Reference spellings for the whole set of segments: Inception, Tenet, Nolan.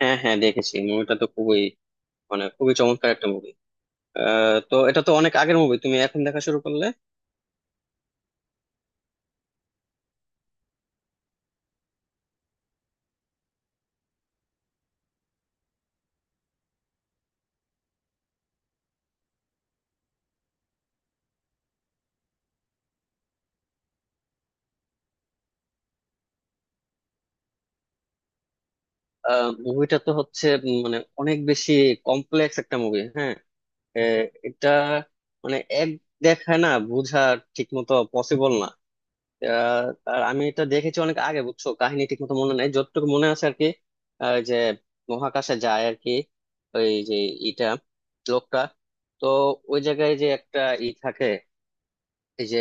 হ্যাঁ, হ্যাঁ, দেখেছি। মুভিটা তো খুবই মানে খুবই চমৎকার একটা মুভি। তো এটা তো অনেক আগের মুভি, তুমি এখন দেখা শুরু করলে? মুভিটা তো হচ্ছে মানে অনেক বেশি কমপ্লেক্স একটা মুভি। হ্যাঁ। আহ, এটা মানে এক দেখায় না বোঝা ঠিক মতো পসিবল না। আহ, আর আমি এটা দেখেছি অনেক আগে, বুঝছো? কাহিনী ঠিক মতো মনে নাই, যতটুকু মনে আছে আর কি। যে মহাকাশে যায় আর কি। ওই যে এটা লোকটা তো ওই জায়গায় যে একটা ই থাকে, এই যে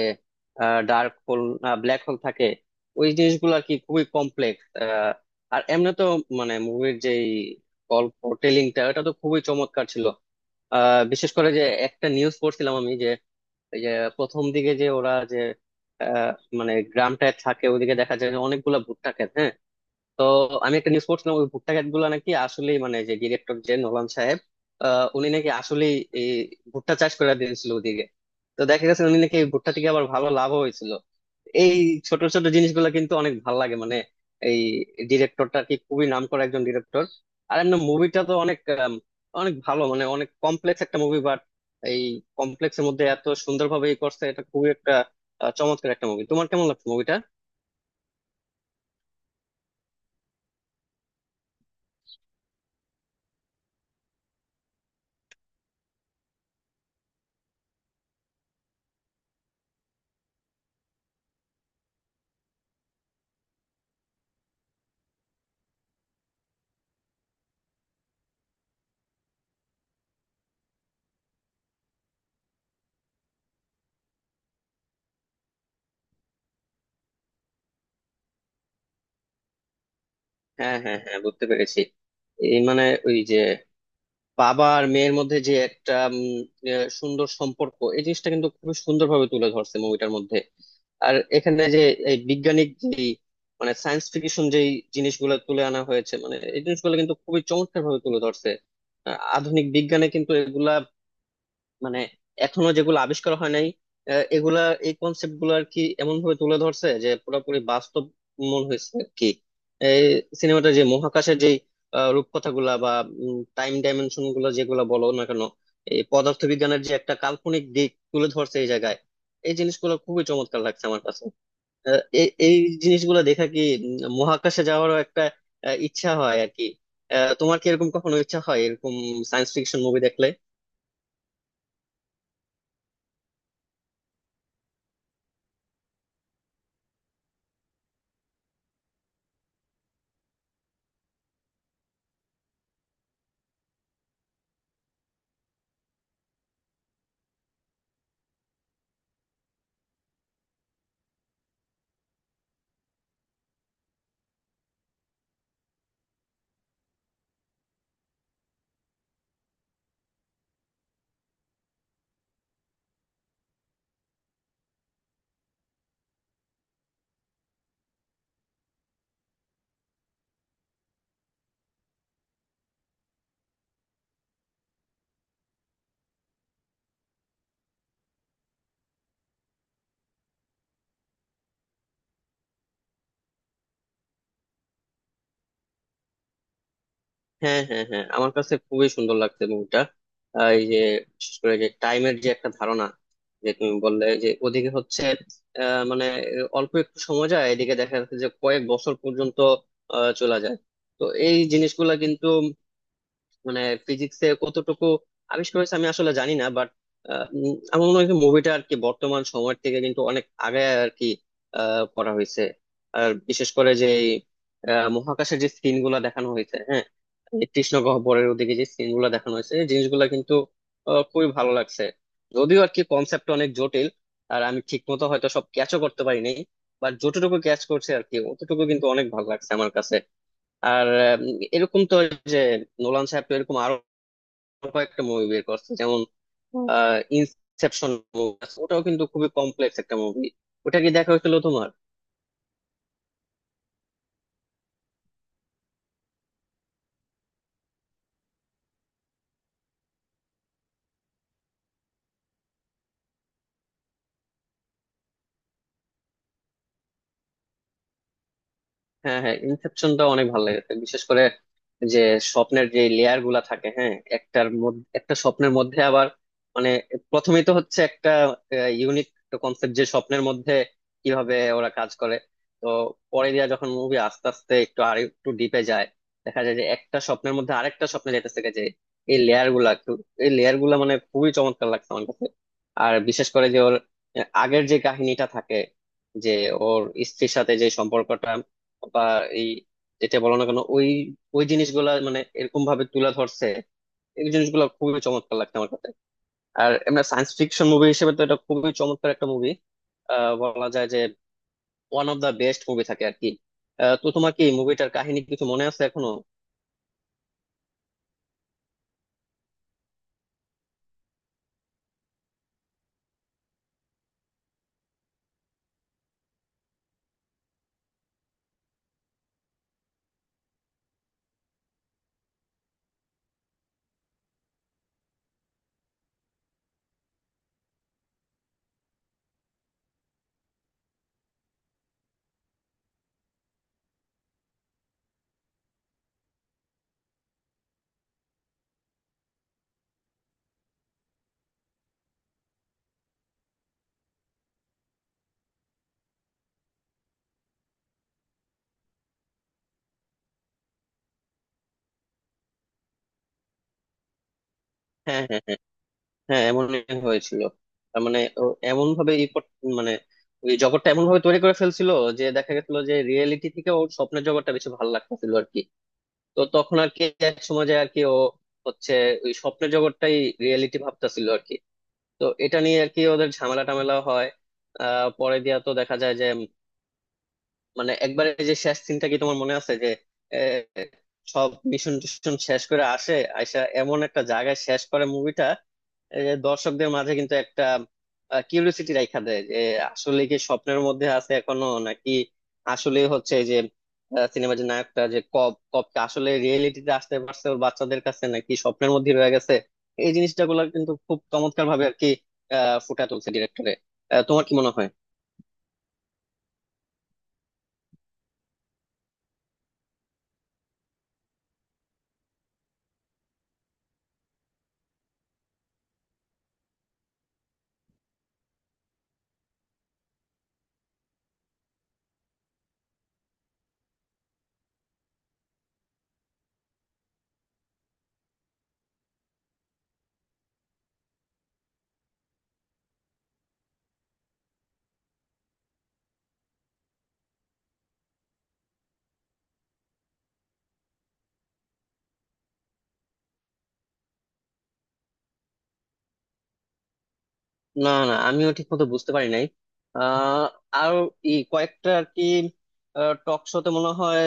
ডার্ক হোল, ব্ল্যাক হোল থাকে। ওই জিনিসগুলো আর কি খুবই কমপ্লেক্স। আর এমনি তো মানে মুভির যে গল্প টেলিংটা ওটা তো খুবই চমৎকার ছিল। বিশেষ করে যে একটা নিউজ পড়ছিলাম আমি যে এই যে প্রথম দিকে যে ওরা যে আহ, মানে গ্রামটায় থাকে ওদিকে দেখা যায় যে অনেকগুলা ভুট্টা ক্ষেত। হ্যাঁ। তো আমি একটা নিউজ পড়ছিলাম ওই ভুট্টা ক্ষেত গুলা নাকি আসলেই মানে যে ডিরেক্টর যে নোমান সাহেব উনি নাকি আসলেই এই ভুট্টা চাষ করে দিয়েছিল ওদিকে। তো দেখা গেছে উনি নাকি এই ভুট্টা থেকে আবার ভালো লাভ হয়েছিল। এই ছোট ছোট জিনিসগুলো কিন্তু অনেক ভালো লাগে মানে। এই ডিরেক্টরটা কি খুবই নাম করা একজন ডিরেক্টর। আর এমনি মুভিটা তো অনেক আম, অনেক ভালো মানে অনেক কমপ্লেক্স একটা মুভি। বাট এই কমপ্লেক্সের মধ্যে এত সুন্দরভাবে ই করছে, এটা খুবই একটা চমৎকার একটা মুভি। তোমার কেমন লাগছে মুভিটা? হ্যাঁ, হ্যাঁ, হ্যাঁ, বুঝতে পেরেছি। এই মানে ওই যে বাবা আর মেয়ের মধ্যে যে একটা সুন্দর সম্পর্ক এই জিনিসটা কিন্তু খুবই সুন্দরভাবে তুলে ধরছে মুভিটার মধ্যে। আর এখানে যে এই বিজ্ঞানিক যে মানে সায়েন্স ফিকশন যেই জিনিসগুলো তুলে আনা হয়েছে, মানে এই জিনিসগুলো কিন্তু খুবই চমৎকার ভাবে তুলে ধরছে। আধুনিক বিজ্ঞানে কিন্তু এগুলা মানে এখনো যেগুলো আবিষ্কার হয় নাই, এগুলা এই কনসেপ্ট গুলো আর কি এমন ভাবে তুলে ধরছে যে পুরোপুরি বাস্তব মন হয়েছে আর কি। এই সিনেমাটা যে মহাকাশের যে রূপকথা গুলা বা টাইম ডাইমেনশন গুলো, যেগুলো বলো না কেন, এই পদার্থবিজ্ঞানের যে একটা কাল্পনিক দিক তুলে ধরছে এই জায়গায়, এই জিনিসগুলো খুবই চমৎকার লাগছে আমার কাছে। এই এই জিনিসগুলো দেখা কি মহাকাশে যাওয়ারও একটা ইচ্ছা হয় আর কি। তোমার কি এরকম কখনো ইচ্ছা হয় এরকম সায়েন্স ফিকশন মুভি দেখলে? হ্যাঁ, হ্যাঁ, হ্যাঁ, আমার কাছে খুবই সুন্দর লাগছে মুভিটা। এই যে বিশেষ করে যে টাইমের যে একটা ধারণা, যে তুমি বললে যে ওদিকে হচ্ছে মানে অল্প একটু সময় যায়, এদিকে দেখা যাচ্ছে যে কয়েক বছর পর্যন্ত চলে যায়। তো এই জিনিসগুলা কিন্তু মানে ফিজিক্সে কতটুকু আবিষ্কার হয়েছে আমি আসলে জানি না, বাট আমার মনে হয় মুভিটা আর কি বর্তমান সময়ের থেকে কিন্তু অনেক আগে আর কি করা হয়েছে। আর বিশেষ করে যে এই, মহাকাশের যে সিন গুলা দেখানো হয়েছে। হ্যাঁ, এই কৃষ্ণ গহ্বরের ওদিকে যে সিন গুলা দেখানো হয়েছে, এই জিনিসগুলা কিন্তু খুবই ভালো লাগছে। যদিও আর কি কনসেপ্ট অনেক জটিল, আর আমি ঠিক মতো হয়তো সব ক্যাচও করতে পারি নাই। বাট যতটুকু ক্যাচ করছে আর কি অতটুকু কিন্তু অনেক ভালো লাগছে আমার কাছে। আর আম, এরকম তো, যে নোলান সাহেব তো এরকম আরো কয়েকটা মুভি বের করছে, যেমন হুম। Inception movie. ওটাও কিন্তু খুবই কমপ্লেক্স একটা মুভি। ওটা কি দেখা হয়েছিল তোমার? হ্যাঁ, হ্যাঁ, ইনসেপশনটা অনেক ভালো লেগেছে। বিশেষ করে যে স্বপ্নের যে লেয়ার গুলা থাকে, হ্যাঁ, একটার মধ্যে একটা স্বপ্নের মধ্যে আবার মানে প্রথমেই তো হচ্ছে একটা ইউনিক কনসেপ্ট যে স্বপ্নের মধ্যে কিভাবে ওরা কাজ করে। তো পরে দিয়া যখন মুভি আস্তে আস্তে একটু আর একটু ডিপে যায়, দেখা যায় যে একটা স্বপ্নের মধ্যে আরেকটা স্বপ্নে যেতে থেকে যে এই লেয়ার গুলা এই লেয়ার গুলা মানে খুবই চমৎকার লাগছে আমার কাছে। আর বিশেষ করে যে ওর আগের যে কাহিনীটা থাকে যে ওর স্ত্রীর সাথে যে সম্পর্কটা বা এই যেটা বলো না কেন, ওই ওই জিনিসগুলা মানে এরকম ভাবে তুলে ধরছে। এই জিনিসগুলো খুবই চমৎকার লাগছে আমার কাছে। আর এমনি সায়েন্স ফিকশন মুভি হিসেবে তো এটা খুবই চমৎকার একটা মুভি। বলা যায় যে one of the best movie থাকে আর কি। তো তোমার কি মুভিটার কাহিনী কিছু মনে আছে এখনো? হ্যাঁ, হ্যাঁ, হ্যাঁ, হ্যাঁ, এমনই হয়েছিল। তার মানে এমন ভাবে মানে ওই জগৎটা এমন ভাবে তৈরি করে ফেলছিল যে দেখা গেছিল যে রিয়েলিটি থেকে ওর স্বপ্নের জগৎটা বেশি ভালো লাগতেছিল আর কি। তো তখন আর কি এক সময় যায় আর কি ও হচ্ছে ওই স্বপ্নের জগৎটাই রিয়েলিটি ভাবতেছিল আর কি। তো এটা নিয়ে আর কি ওদের ঝামেলা টামেলা হয়। পরে দিয়া তো দেখা যায় যে মানে একবারে যে শেষ সিনটা কি তোমার মনে আছে, যে সব মিশন টিশন শেষ করে আসে, আইসা এমন একটা জায়গায় শেষ করে মুভিটা যে দর্শকদের মাঝে কিন্তু একটা কিউরিওসিটি রাইখা দেয় যে আসলে কি স্বপ্নের মধ্যে আছে এখনো নাকি আসলে হচ্ছে যে, সিনেমা যে নায়কটা যে কপটা আসলে রিয়েলিটিতে আসতে পারছে ওর বাচ্চাদের কাছে নাকি স্বপ্নের মধ্যে রয়ে গেছে। এই জিনিসটা গুলো কিন্তু খুব চমৎকার ভাবে আর কি ফুটা তুলছে ডিরেক্টরে। তোমার কি মনে হয়? না, না, আমিও ঠিক মতো বুঝতে পারি নাই। আহ আর ই কয়েকটা আর কি টক শোতে মনে হয়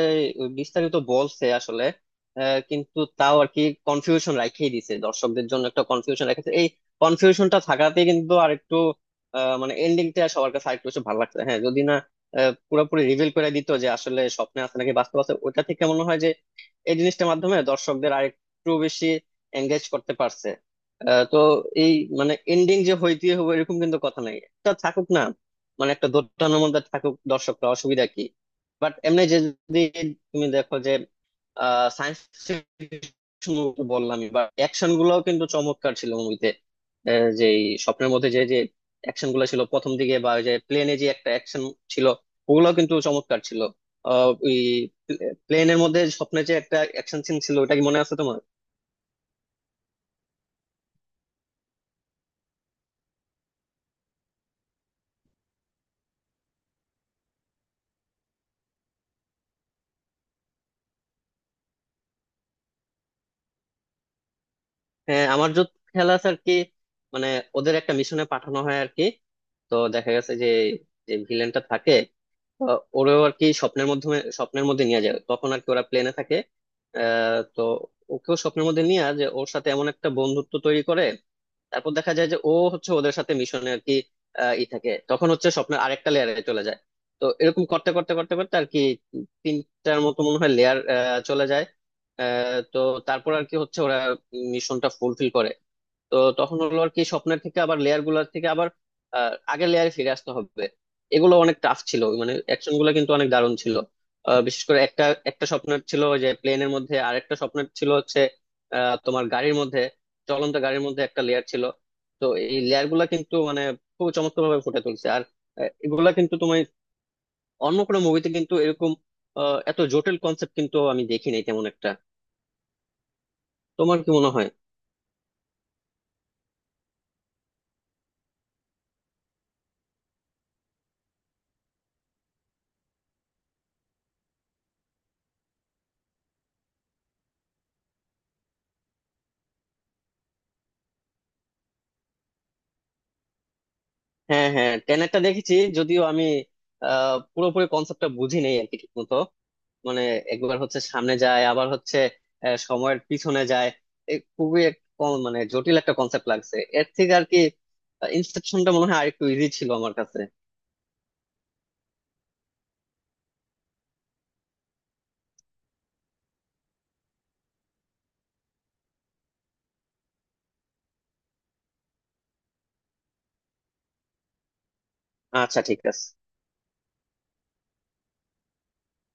বিস্তারিত বলছে আসলে, কিন্তু তাও আর কি কনফিউশন রাখিয়ে দিছে দর্শকদের জন্য, একটা কনফিউশন রেখেছে। এই কনফিউশনটা থাকাতে কিন্তু আর একটু মানে এন্ডিংটা সবার কাছে আরেকটু বেশি ভালো লাগছে। হ্যাঁ, যদি না পুরোপুরি রিভিল করে দিত যে আসলে স্বপ্নে আছে নাকি বাস্তব আছে, ওটা থেকে মনে হয় যে এই জিনিসটার মাধ্যমে দর্শকদের আরেকটু বেশি এঙ্গেজ করতে পারছে। তো এই মানে এন্ডিং যে হইতে হবে এরকম কিন্তু কথা নাই, একটা থাকুক না। মানে একটা দোটানার মধ্যে থাকুক দর্শকরা, অসুবিধা কি? বাট এমনি যে যদি তুমি দেখো যে সায়েন্স বললামই বা অ্যাকশন গুলাও কিন্তু চমৎকার ছিল মুভিতে। যে এই স্বপ্নের মধ্যে যে যে অ্যাকশন গুলো ছিল প্রথম দিকে, বা ওই যে প্লেনে যে একটা অ্যাকশন ছিল, ওগুলোও কিন্তু চমৎকার ছিল। ওই প্লেনের মধ্যে স্বপ্নে যে একটা অ্যাকশন সিন ছিল, ওটা কি মনে আছে তোমার? হ্যাঁ, আমার যত খেয়াল আছে আর কি মানে ওদের একটা মিশনে পাঠানো হয় আর কি। তো দেখা গেছে যে যে ভিলেনটা থাকে, তো ওরেও আর কি স্বপ্নের মাধ্যমে স্বপ্নের মধ্যে নিয়ে যায় তখন আর কি ওরা প্লেনে থাকে। তো ওকেও স্বপ্নের মধ্যে নিয়ে যে ওর সাথে এমন একটা বন্ধুত্ব তৈরি করে। তারপর দেখা যায় যে ও হচ্ছে ওদের সাথে মিশনে আর কি ই থাকে, তখন হচ্ছে স্বপ্নের আরেকটা লেয়ারে চলে যায়। তো এরকম করতে করতে করতে করতে আর কি তিনটার মতো মনে হয় লেয়ার চলে যায়। তো তারপর আর কি হচ্ছে ওরা মিশনটা ফুলফিল করে। তো তখন হলো আর কি স্বপ্নের থেকে আবার লেয়ার গুলার থেকে আবার আগের লেয়ারে ফিরে আসতে হবে। এগুলো অনেক টাফ ছিল, মানে অ্যাকশন গুলো কিন্তু অনেক দারুণ ছিল। বিশেষ করে একটা একটা স্বপ্নের ছিল যে প্লেনের মধ্যে, আর একটা স্বপ্নের ছিল হচ্ছে তোমার গাড়ির মধ্যে, চলন্ত গাড়ির মধ্যে একটা লেয়ার ছিল। তো এই লেয়ার গুলা কিন্তু মানে খুব চমৎকার ভাবে ফুটে তুলছে। আর এগুলা কিন্তু তুমি অন্য কোনো মুভিতে কিন্তু এরকম এত জটিল কনসেপ্ট কিন্তু আমি দেখিনি তেমন একটা। তোমার কি মনে হয়? হ্যাঁ, হ্যাঁ, টেনেটটা দেখেছি, যদিও আমি পুরোপুরি কনসেপ্টটা বুঝি নেই আর কি ঠিক মতো। মানে একবার হচ্ছে সামনে যায় আবার হচ্ছে সময়ের পিছনে যায়। এ খুবই মানে জটিল একটা কনসেপ্ট লাগছে এর থেকে আর কি। ইনসেপশনটা মনে হয় আরেকটু ইজি ছিল আমার কাছে। আচ্ছা, ঠিক আছে।